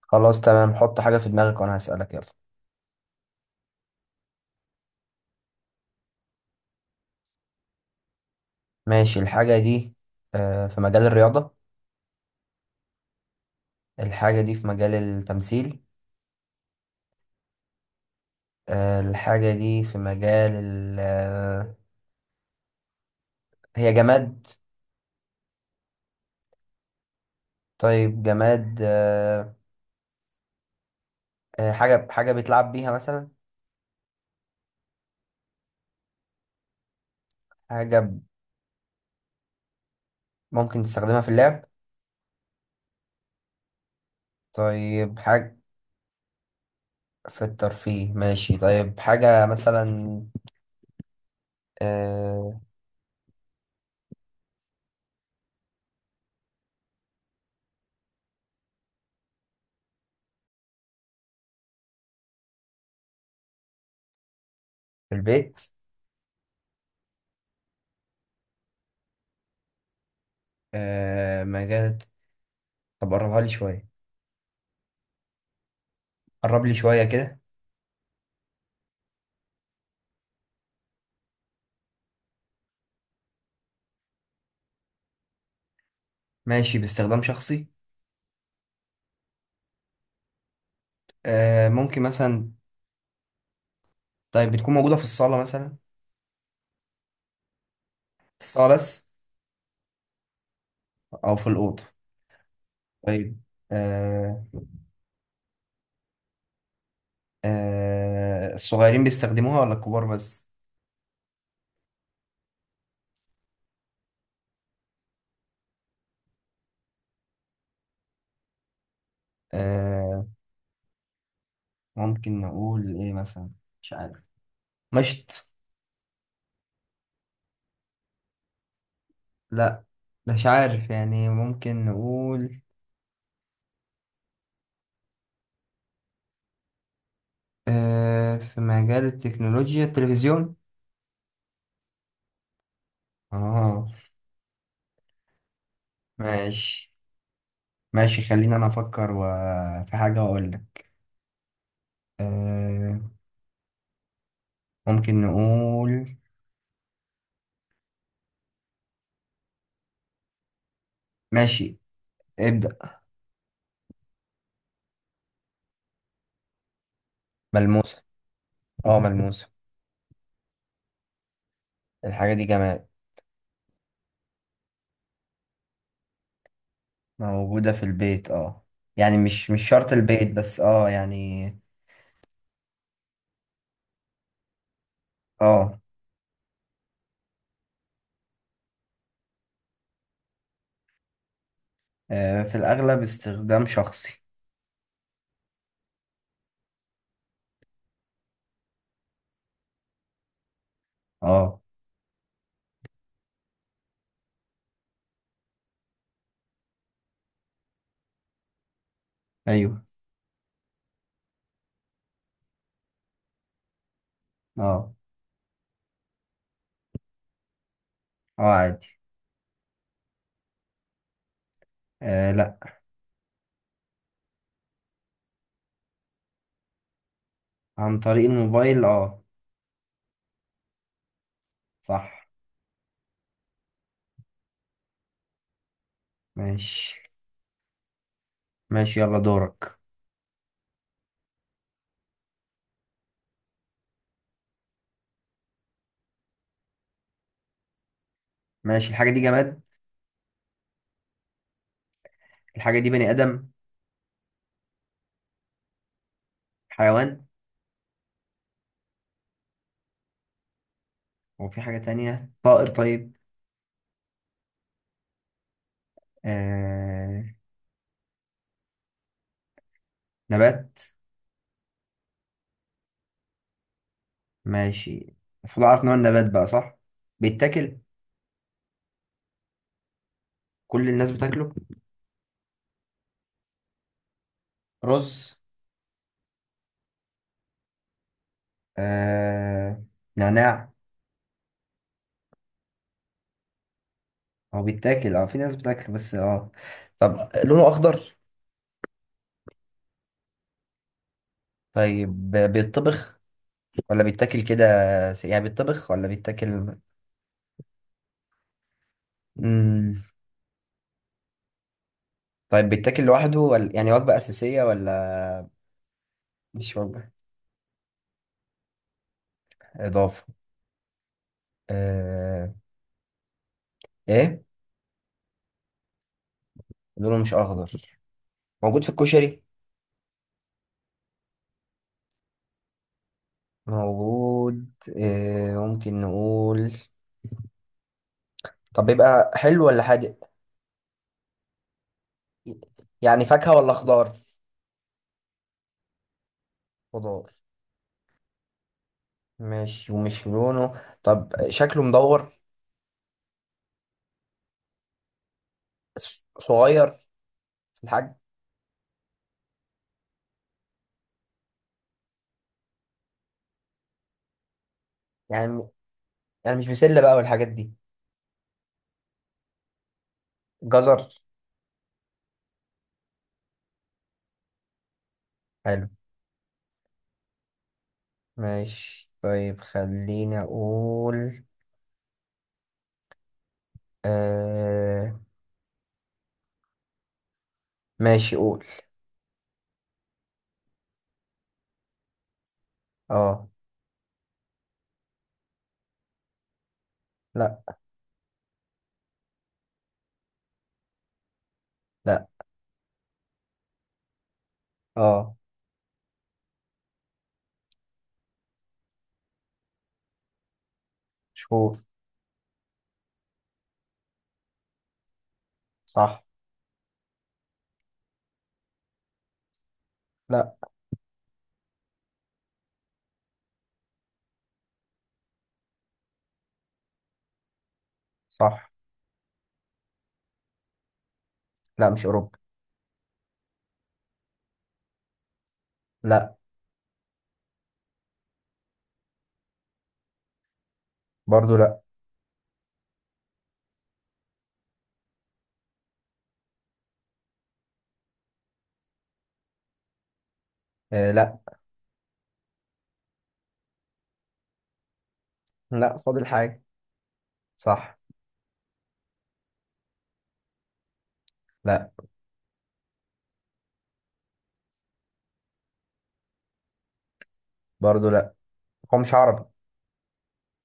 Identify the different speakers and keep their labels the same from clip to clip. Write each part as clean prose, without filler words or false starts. Speaker 1: خلاص تمام، حط حاجة في دماغك وأنا هسألك. يلا ماشي، الحاجة دي، في مجال الرياضة؟ الحاجة دي في مجال التمثيل؟ الحاجة دي في مجال ال هي جماد. طيب جماد، حاجة بيتلعب بيها مثلا؟ حاجة ب- ممكن تستخدمها في اللعب. طيب حاجة في الترفيه. ماشي طيب، حاجة مثلا آه، في البيت؟ مجال. طب قربها لي شوية، قرب لي شوية كده. ماشي، باستخدام شخصي. آه ممكن مثلا. طيب بتكون موجودة في الصالة مثلا؟ في الصالة بس أو في الأوضة؟ طيب. آه، آه الصغيرين بيستخدموها ولا الكبار بس؟ آه، ممكن نقول إيه مثلا؟ مش عارف. مشط؟ لا مش عارف يعني، ممكن نقول في مجال التكنولوجيا، التلفزيون؟ اه ماشي. ماشي خلينا أنا أفكر و في حاجة وأقول لك. آه ممكن نقول. ماشي. ابدأ. ملموسة. اه ملموسة. الحاجة دي جمال. موجودة في البيت اه، يعني مش شرط البيت بس، اه يعني. اه. في الأغلب استخدام شخصي. اه. ايوه. اه. اه عادي. آه لا. عن طريق الموبايل اه. صح. ماشي. ماشي يلا دورك. ماشي، الحاجة دي جماد؟ الحاجة دي بني آدم؟ حيوان؟ وفي حاجة تانية طائر طيب؟ آه نبات؟ ماشي. المفروض أعرف نوع النبات بقى، صح؟ بيتاكل؟ كل الناس بتاكله؟ رز؟ آه... نعناع؟ هو بيتاكل اه، في ناس بتاكله بس اه. طب لونه اخضر؟ طيب بيتطبخ ولا بيتاكل كده؟ يعني بيتطبخ ولا بيتاكل؟ مم. طيب بيتاكل لوحده ولا يعني وجبة أساسية ولا؟ مش وجبة. إضافة. آه... إيه؟ لونه مش أخضر. موجود في الكشري؟ موجود. ممكن نقول، طب بيبقى حلو ولا حادق؟ يعني فاكهة ولا خضار؟ خضار. ماشي، ومش لونه، طب شكله مدور؟ صغير في الحجم؟ يعني، يعني مش بسلة بقى والحاجات دي؟ جزر؟ حلو. ماشي طيب، خليني اقول. آه... ماشي قول. اه. لا. لا. اه. شهور. صح. لا. صح. لا مش اوروبا. لا. برضو لا. آه. لا. لا فاضل حاجة. صح. لا. برضو لا. هو مش عربي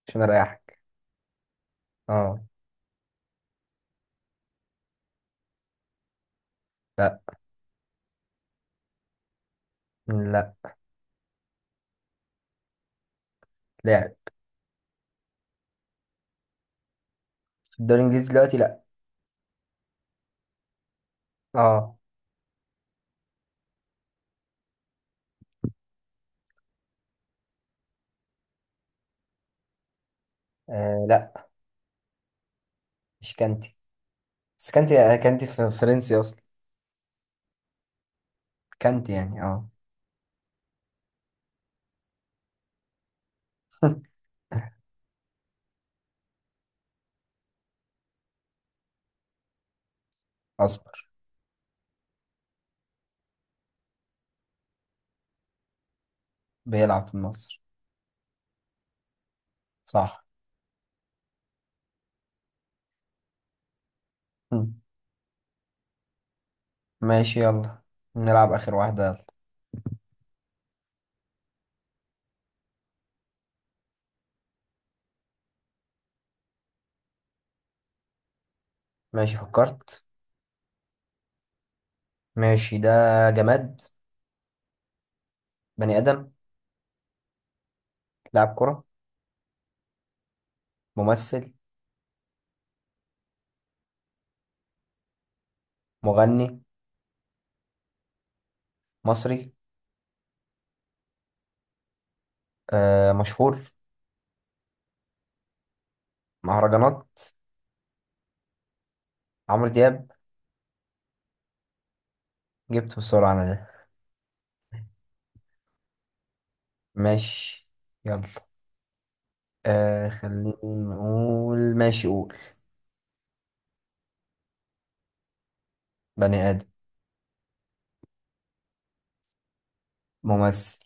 Speaker 1: عشان اريحك. اه. لا. لا. لاعب. في الدوري الانجليزي دلوقتي لا. اه. آه لا، مش كانتي. بس كانتي في فرنسي اصلا. كانتي يعني اه. اصبر. بيلعب في مصر. صح. مم. ماشي يلا، نلعب اخر واحدة. يلا ماشي فكرت. ماشي، ده جماد؟ بني ادم؟ لاعب كرة؟ ممثل؟ مغني؟ مصري؟ آه مشهور؟ مهرجانات؟ عمرو دياب؟ جبته بسرعة انا ده. ماشي يلا. آه خلينا نقول. ماشي قول. بني ادم. ممثل.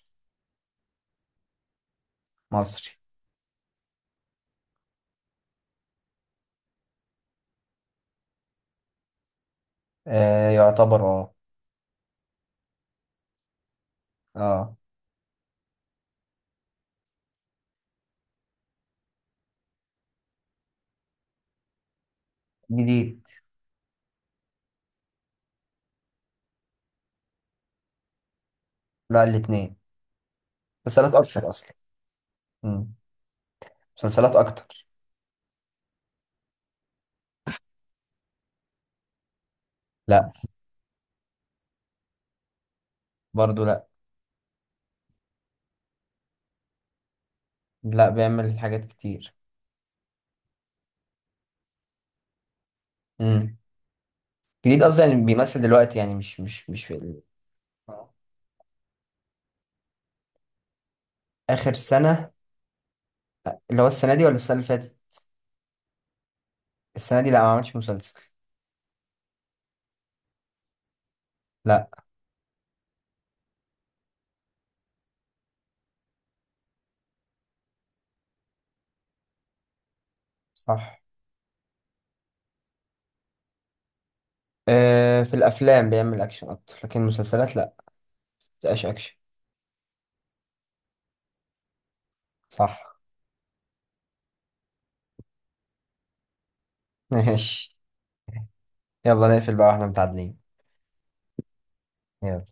Speaker 1: مصري. آه يعتبر اه. اه جديد. لا الاتنين، مسلسلات اكتر اصلا. مم. مسلسلات اكتر. لا. برضو لا. لا بيعمل حاجات كتير. مم. جديد قصدي، يعني بيمثل دلوقتي يعني، مش في ال اخر سنة. اللي هو السنة دي ولا السنة اللي فاتت؟ السنة دي لا ما عملش مسلسل. لا. صح. آه في الافلام بيعمل اكشن اكتر، لكن المسلسلات لا، مبتبقاش اكشن. صح. ماشي. يلا نقفل بقى واحنا متعادلين. يلا.